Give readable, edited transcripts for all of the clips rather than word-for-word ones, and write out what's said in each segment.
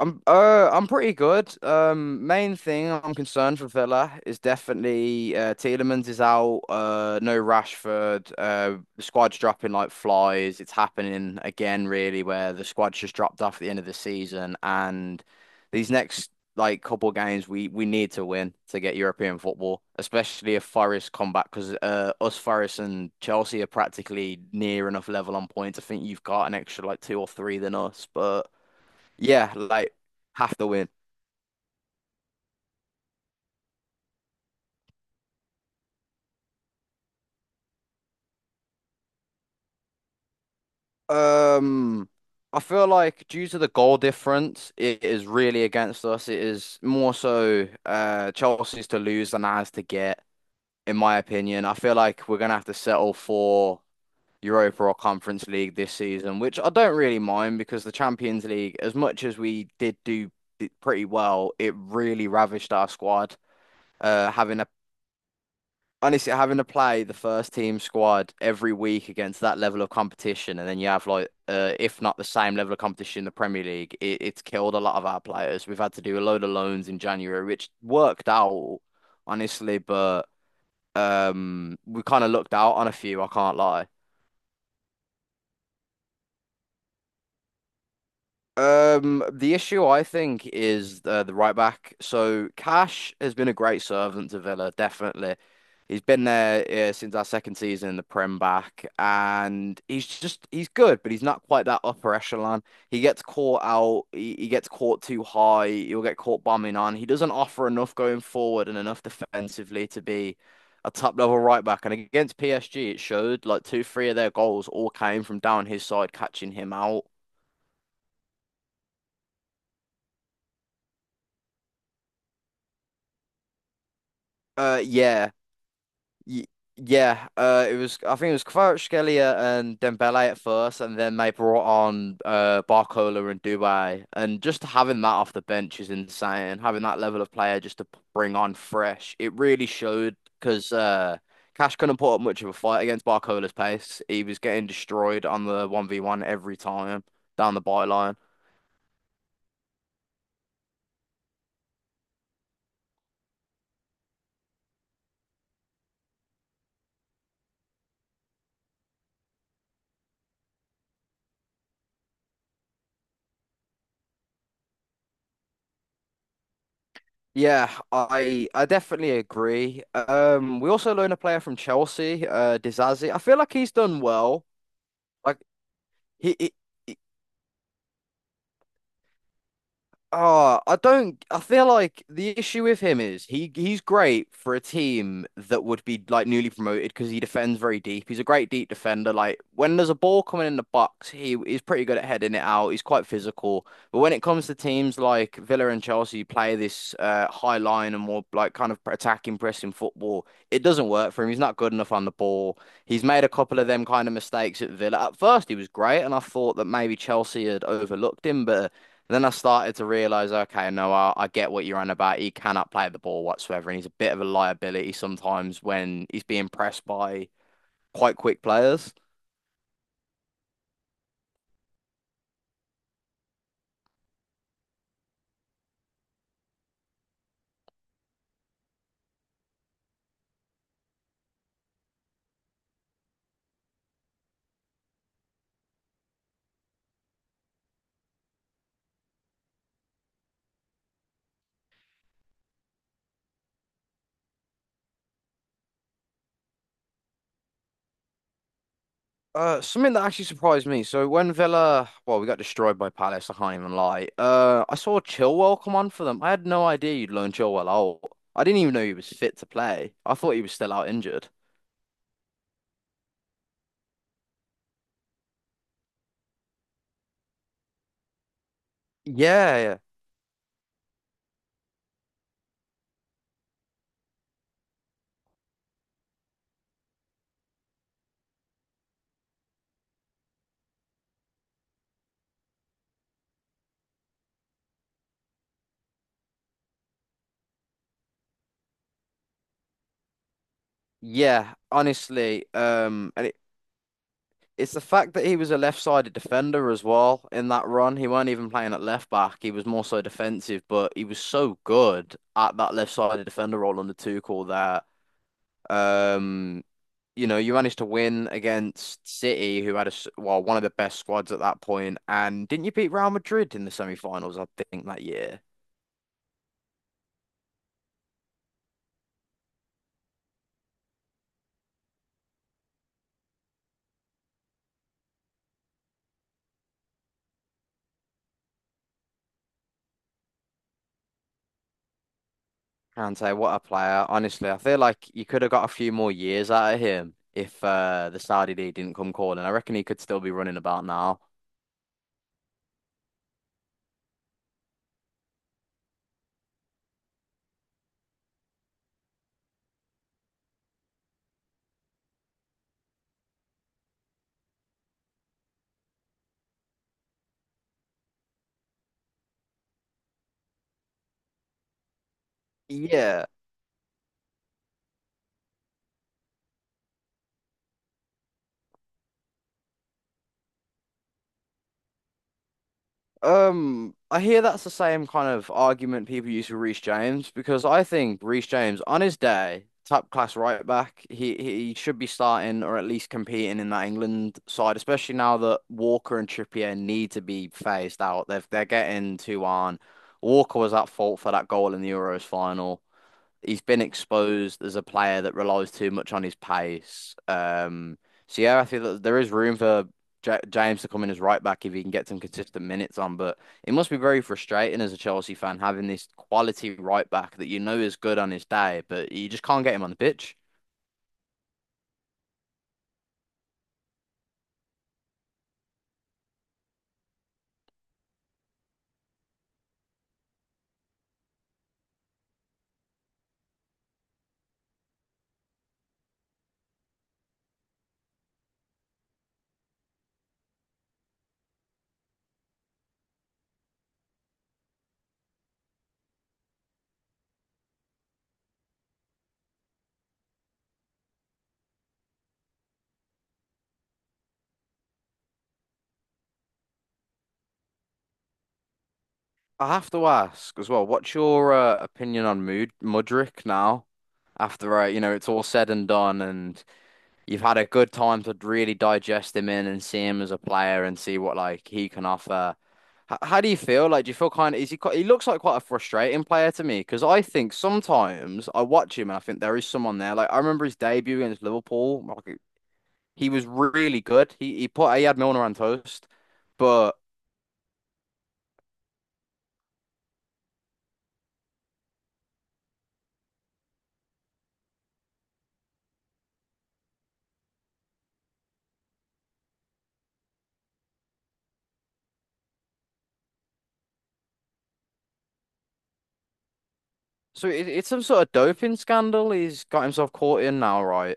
I'm pretty good. Main thing I'm concerned for Villa is definitely Tielemans is out. No Rashford. The squad's dropping like flies. It's happening again, really, where the squad's just dropped off at the end of the season. And these next like couple games, we need to win to get European football, especially if Forest come back because us Forest and Chelsea are practically near enough level on points. I think you've got an extra like two or three than us, but. Yeah, like have to win. Um, I feel like due to the goal difference, it is really against us. It is more so Chelsea's to lose than ours to get, in my opinion. I feel like we're gonna have to settle for Europa or Conference League this season, which I don't really mind because the Champions League, as much as we did do pretty well, it really ravished our squad. Having Honestly, having to play the first team squad every week against that level of competition, and then you have like, if not the same level of competition in the Premier League, it's killed a lot of our players. We've had to do a load of loans in January, which worked out, honestly, but we kind of looked out on a few, I can't lie. The issue I think is the right back. So Cash has been a great servant to Villa, definitely. He's been there since our second season in the Prem back, and he's just he's good, but he's not quite that upper echelon. He gets caught out, he gets caught too high, he'll get caught bombing on. He doesn't offer enough going forward and enough defensively to be a top level right back. And against PSG, it showed like two, three of their goals all came from down his side, catching him out. Uh, yeah. Y yeah, it was. I think it was Kvaratskhelia and Dembele at first, and then they brought on Barcola and Dubai, and just having that off the bench is insane. Having that level of player just to bring on fresh, it really showed because Cash couldn't put up much of a fight against Barcola's pace. He was getting destroyed on the one v one every time down the byline. Yeah, I definitely agree. We also loaned a player from Chelsea, Disasi. I feel like he's done well. Like He, he, he- I don't. I feel like the issue with him is he's great for a team that would be like newly promoted because he defends very deep. He's a great deep defender. Like when there's a ball coming in the box, he's pretty good at heading it out. He's quite physical. But when it comes to teams like Villa and Chelsea, who play this high line and more like kind of attacking, pressing football. It doesn't work for him. He's not good enough on the ball. He's made a couple of them kind of mistakes at Villa. At first, he was great, and I thought that maybe Chelsea had overlooked him, but. Then I started to realize, okay, no, I get what you're on about. He cannot play the ball whatsoever, and he's a bit of a liability sometimes when he's being pressed by quite quick players. Something that actually surprised me. So when Villa, well, we got destroyed by Palace. I can't even lie. I saw Chilwell come on for them. I had no idea you'd loan Chilwell out. I didn't even know he was fit to play. I thought he was still out injured. Yeah, yeah, yeah. Honestly, and it's the fact that he was a left-sided defender as well in that run. He weren't even playing at left back. He was more so defensive, but he was so good at that left-sided defender role on the Tuchel there. Um, you know, you managed to win against City, who had a well one of the best squads at that point. And didn't you beat Real Madrid in the semi-finals? I think that year. Kante, what a player! Honestly, I feel like you could have got a few more years out of him if the Saudi league didn't come calling. I reckon he could still be running about now. Yeah. I hear that's the same kind of argument people use for Reece James because I think Reece James, on his day, top class right back, he should be starting or at least competing in that England side, especially now that Walker and Trippier need to be phased out. They're getting too on. Walker was at fault for that goal in the Euros final. He's been exposed as a player that relies too much on his pace. So yeah, I think that there is room for J James to come in as right back if he can get some consistent minutes on. But it must be very frustrating as a Chelsea fan having this quality right back that you know is good on his day, but you just can't get him on the pitch. I have to ask as well, what's your opinion on Mud Mudrick now? After you know it's all said and done, and you've had a good time to really digest him in and see him as a player and see what like he can offer. H- how do you feel? Like, do you feel kind of, is he quite, he looks like quite a frustrating player to me because I think sometimes I watch him and I think there is someone there. Like, I remember his debut against Liverpool. Like, he was really good. He had Milner on toast, but so it's some sort of doping scandal he's got himself caught in now, right?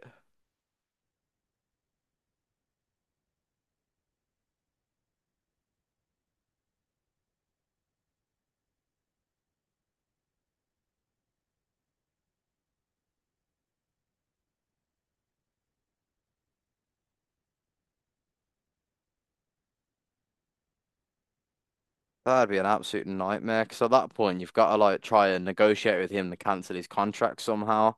That'd be an absolute nightmare because at that point you've got to like try and negotiate with him to cancel his contract somehow.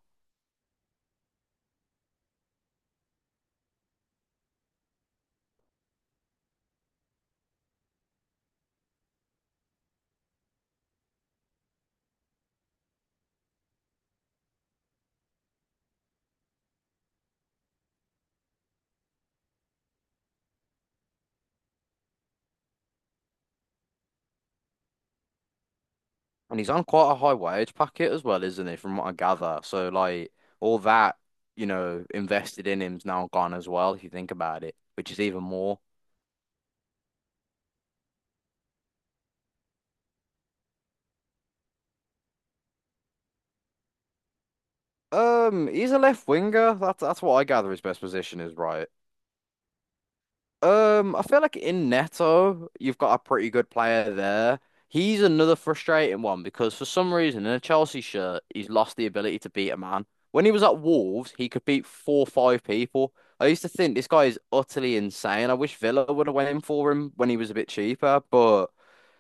And he's on quite a high wage packet as well, isn't he, from what I gather? So, like, all that, you know, invested in him's now gone as well, if you think about it, which is even more. He's a left winger. That's what I gather his best position is, right? I feel like in Neto, you've got a pretty good player there. He's another frustrating one because for some reason in a Chelsea shirt, he's lost the ability to beat a man. When he was at Wolves, he could beat four or five people. I used to think this guy is utterly insane. I wish Villa would have went in for him when he was a bit cheaper, but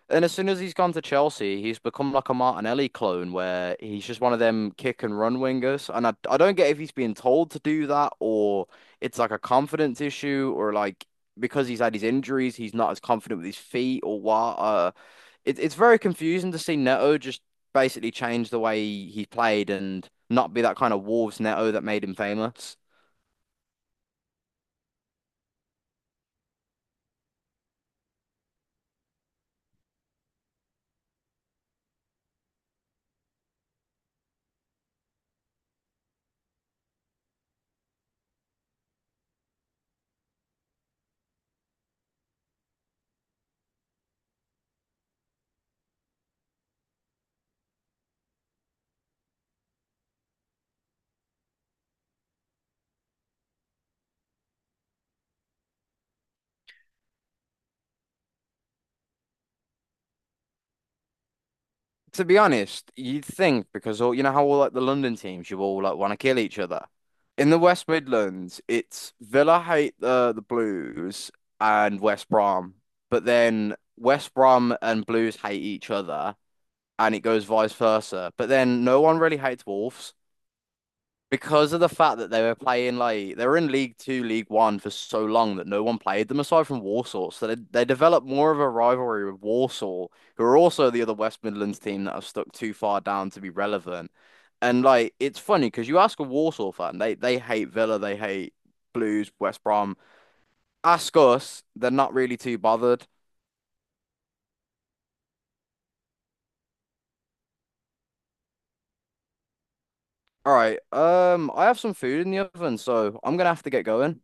and as soon as he's gone to Chelsea, he's become like a Martinelli clone where he's just one of them kick and run wingers. And I don't get if he's being told to do that or it's like a confidence issue or like because he's had his injuries, he's not as confident with his feet or what. It's very confusing to see Neto just basically change the way he played and not be that kind of Wolves Neto that made him famous. To be honest, you'd think because all you know how all like the London teams, you all like want to kill each other. In the West Midlands, it's Villa hate the Blues and West Brom, but then West Brom and Blues hate each other, and it goes vice versa. But then no one really hates Wolves because of the fact that they were playing like they were in League Two, League One for so long that no one played them aside from Warsaw. So they developed more of a rivalry with Warsaw, who are also the other West Midlands team that have stuck too far down to be relevant. And like it's funny because you ask a Warsaw fan, they hate Villa, they hate Blues, West Brom. Ask us, they're not really too bothered. All right, I have some food in the oven, so I'm gonna have to get going.